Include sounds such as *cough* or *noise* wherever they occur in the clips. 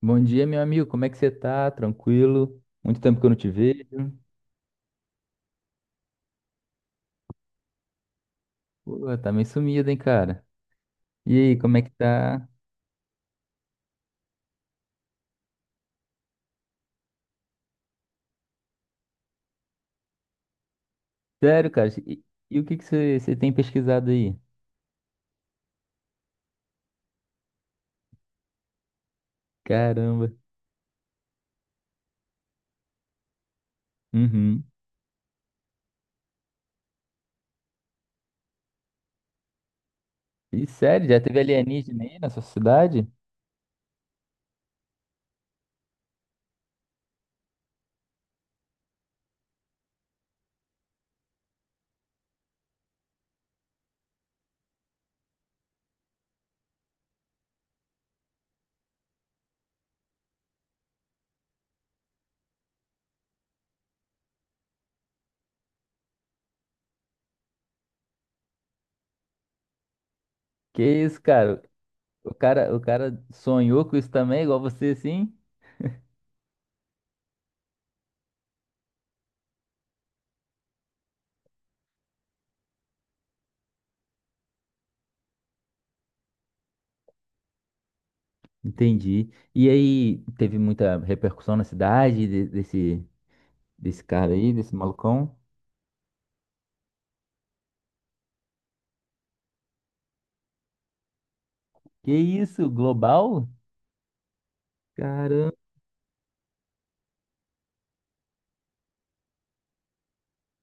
Bom dia, meu amigo. Como é que você tá? Tranquilo? Muito tempo que eu não te vejo. Pô, tá meio sumido, hein, cara? E aí, como é que tá? Sério, cara? E o que que você tem pesquisado aí? Caramba. Uhum. E sério, já teve alienígena aí na sua cidade? Que isso, cara? O cara sonhou com isso também, igual você, assim? Entendi. E aí, teve muita repercussão na cidade desse, desse cara aí, desse malucão? Que isso, global? Caramba.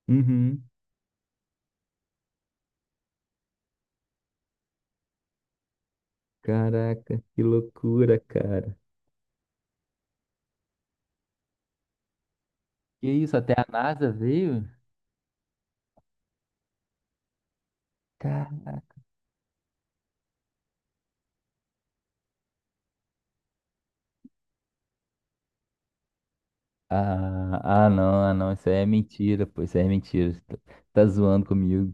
Uhum. Caraca, que loucura, cara. Que isso, até a NASA veio? Cara. Não, ah, não, isso aí é mentira, pô, isso aí é mentira. Você tá, tá zoando comigo.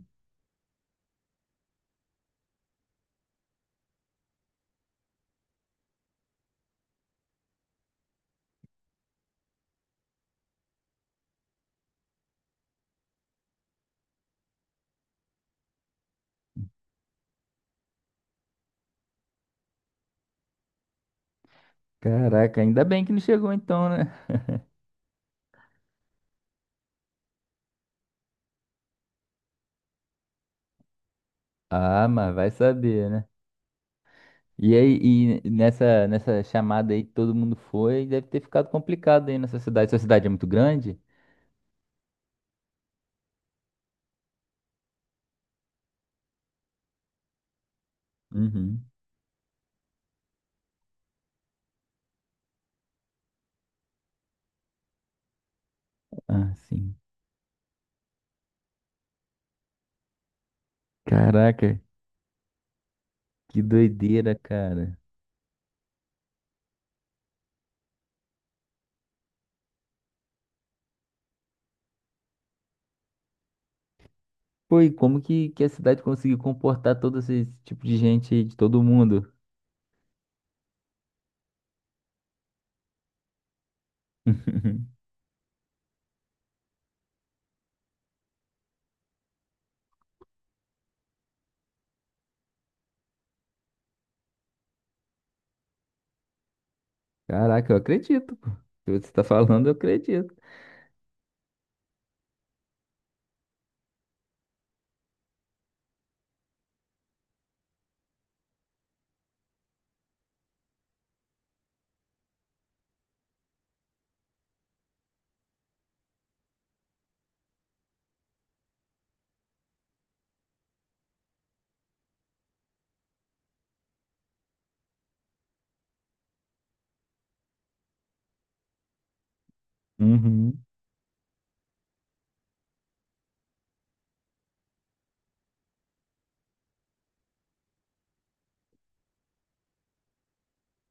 Caraca, ainda bem que não chegou então, né? Ah, mas vai saber, né? E aí, e nessa chamada aí que todo mundo foi, deve ter ficado complicado aí nessa cidade. Sua cidade é muito grande? Uhum. Ah, sim. Caraca, que doideira, cara. Foi como que a cidade conseguiu comportar todo esse tipo de gente aí, de todo mundo? *laughs* Caraca, eu acredito, pô. Se você tá falando, eu acredito. Uhum,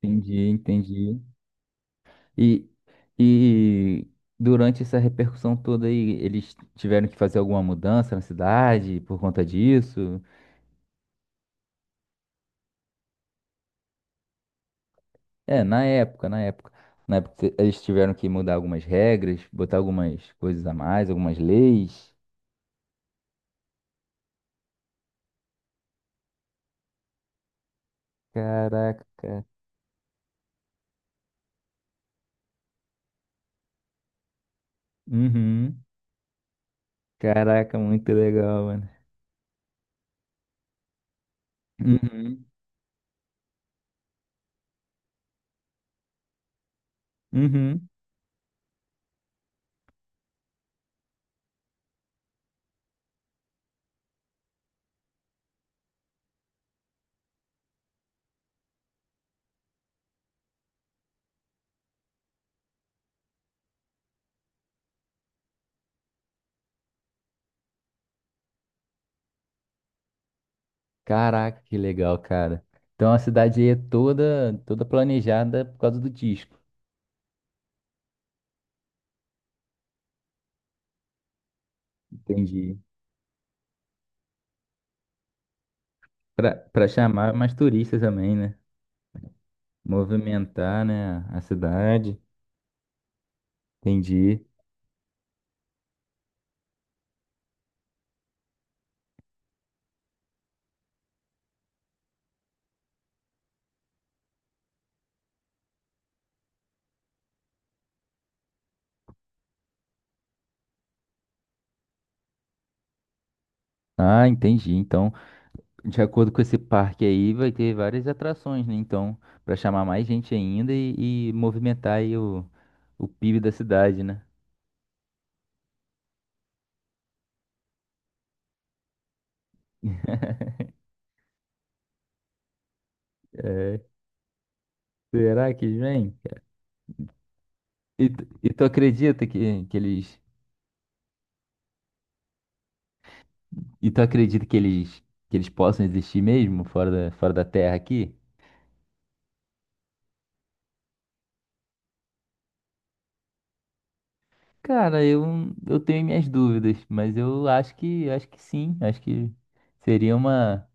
entendi, entendi. E, e durante essa repercussão toda aí, eles tiveram que fazer alguma mudança na cidade por conta disso? É, na época, na época. Na época eles tiveram que mudar algumas regras, botar algumas coisas a mais, algumas leis. Caraca. Uhum. Caraca, muito legal, mano. Uhum. Uhum. Caraca, que legal, cara. Então a cidade aí é toda planejada por causa do disco. Entendi. Pra Para chamar mais turistas também, né? Movimentar, né, a cidade. Entendi. Ah, entendi. Então, de acordo com esse parque aí, vai ter várias atrações, né? Então, pra chamar mais gente ainda e movimentar aí o PIB da cidade, né? *laughs* É. Será que vem? E, tu acredita que eles. E tu acredita que eles possam existir mesmo fora da Terra aqui? Cara, eu tenho minhas dúvidas, mas eu acho que sim. Acho que seria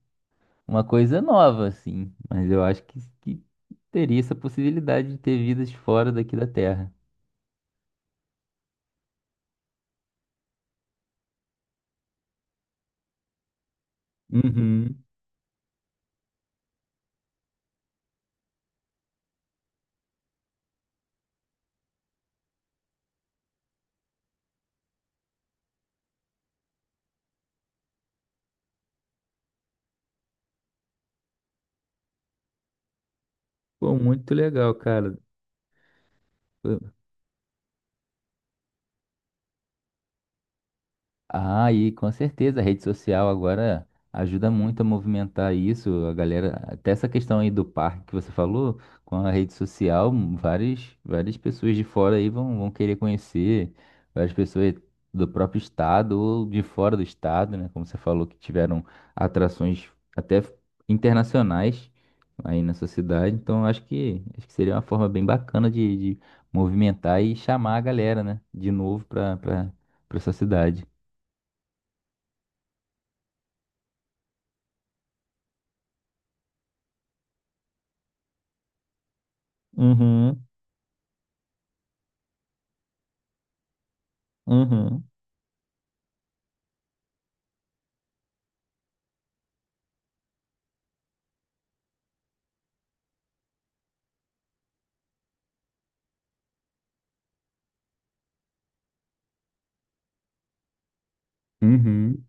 uma coisa nova, assim. Mas eu acho que teria essa possibilidade de ter vidas fora daqui da Terra. Uhum. Pô, muito legal, cara. Ah, e com certeza a rede social agora ajuda muito a movimentar isso, a galera, até essa questão aí do parque que você falou, com a rede social, várias, várias pessoas de fora aí vão, vão querer conhecer, várias pessoas do próprio estado ou de fora do estado, né, como você falou, que tiveram atrações até internacionais aí nessa cidade, então acho que seria uma forma bem bacana de movimentar e chamar a galera, né, de novo para essa cidade. Uhum, uhum. Uhum.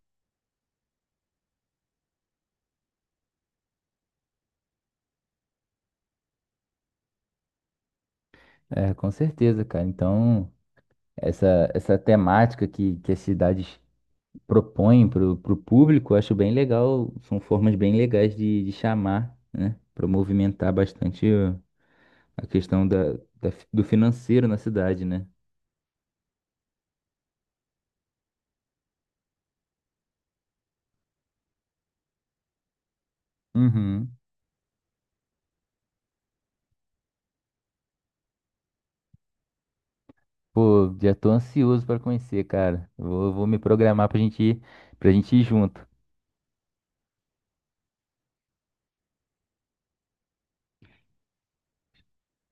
É, com certeza, cara. Então, essa temática que as cidades propõem para o público, eu acho bem legal. São formas bem legais de chamar, né? Para movimentar bastante a questão da, da do financeiro na cidade, né? Uhum. Pô, já tô ansioso para conhecer, cara. Vou, vou me programar pra gente ir junto.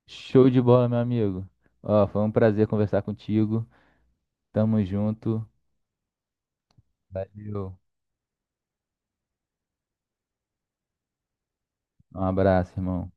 Show de bola, meu amigo. Ó, foi um prazer conversar contigo. Tamo junto. Valeu. Um abraço, irmão.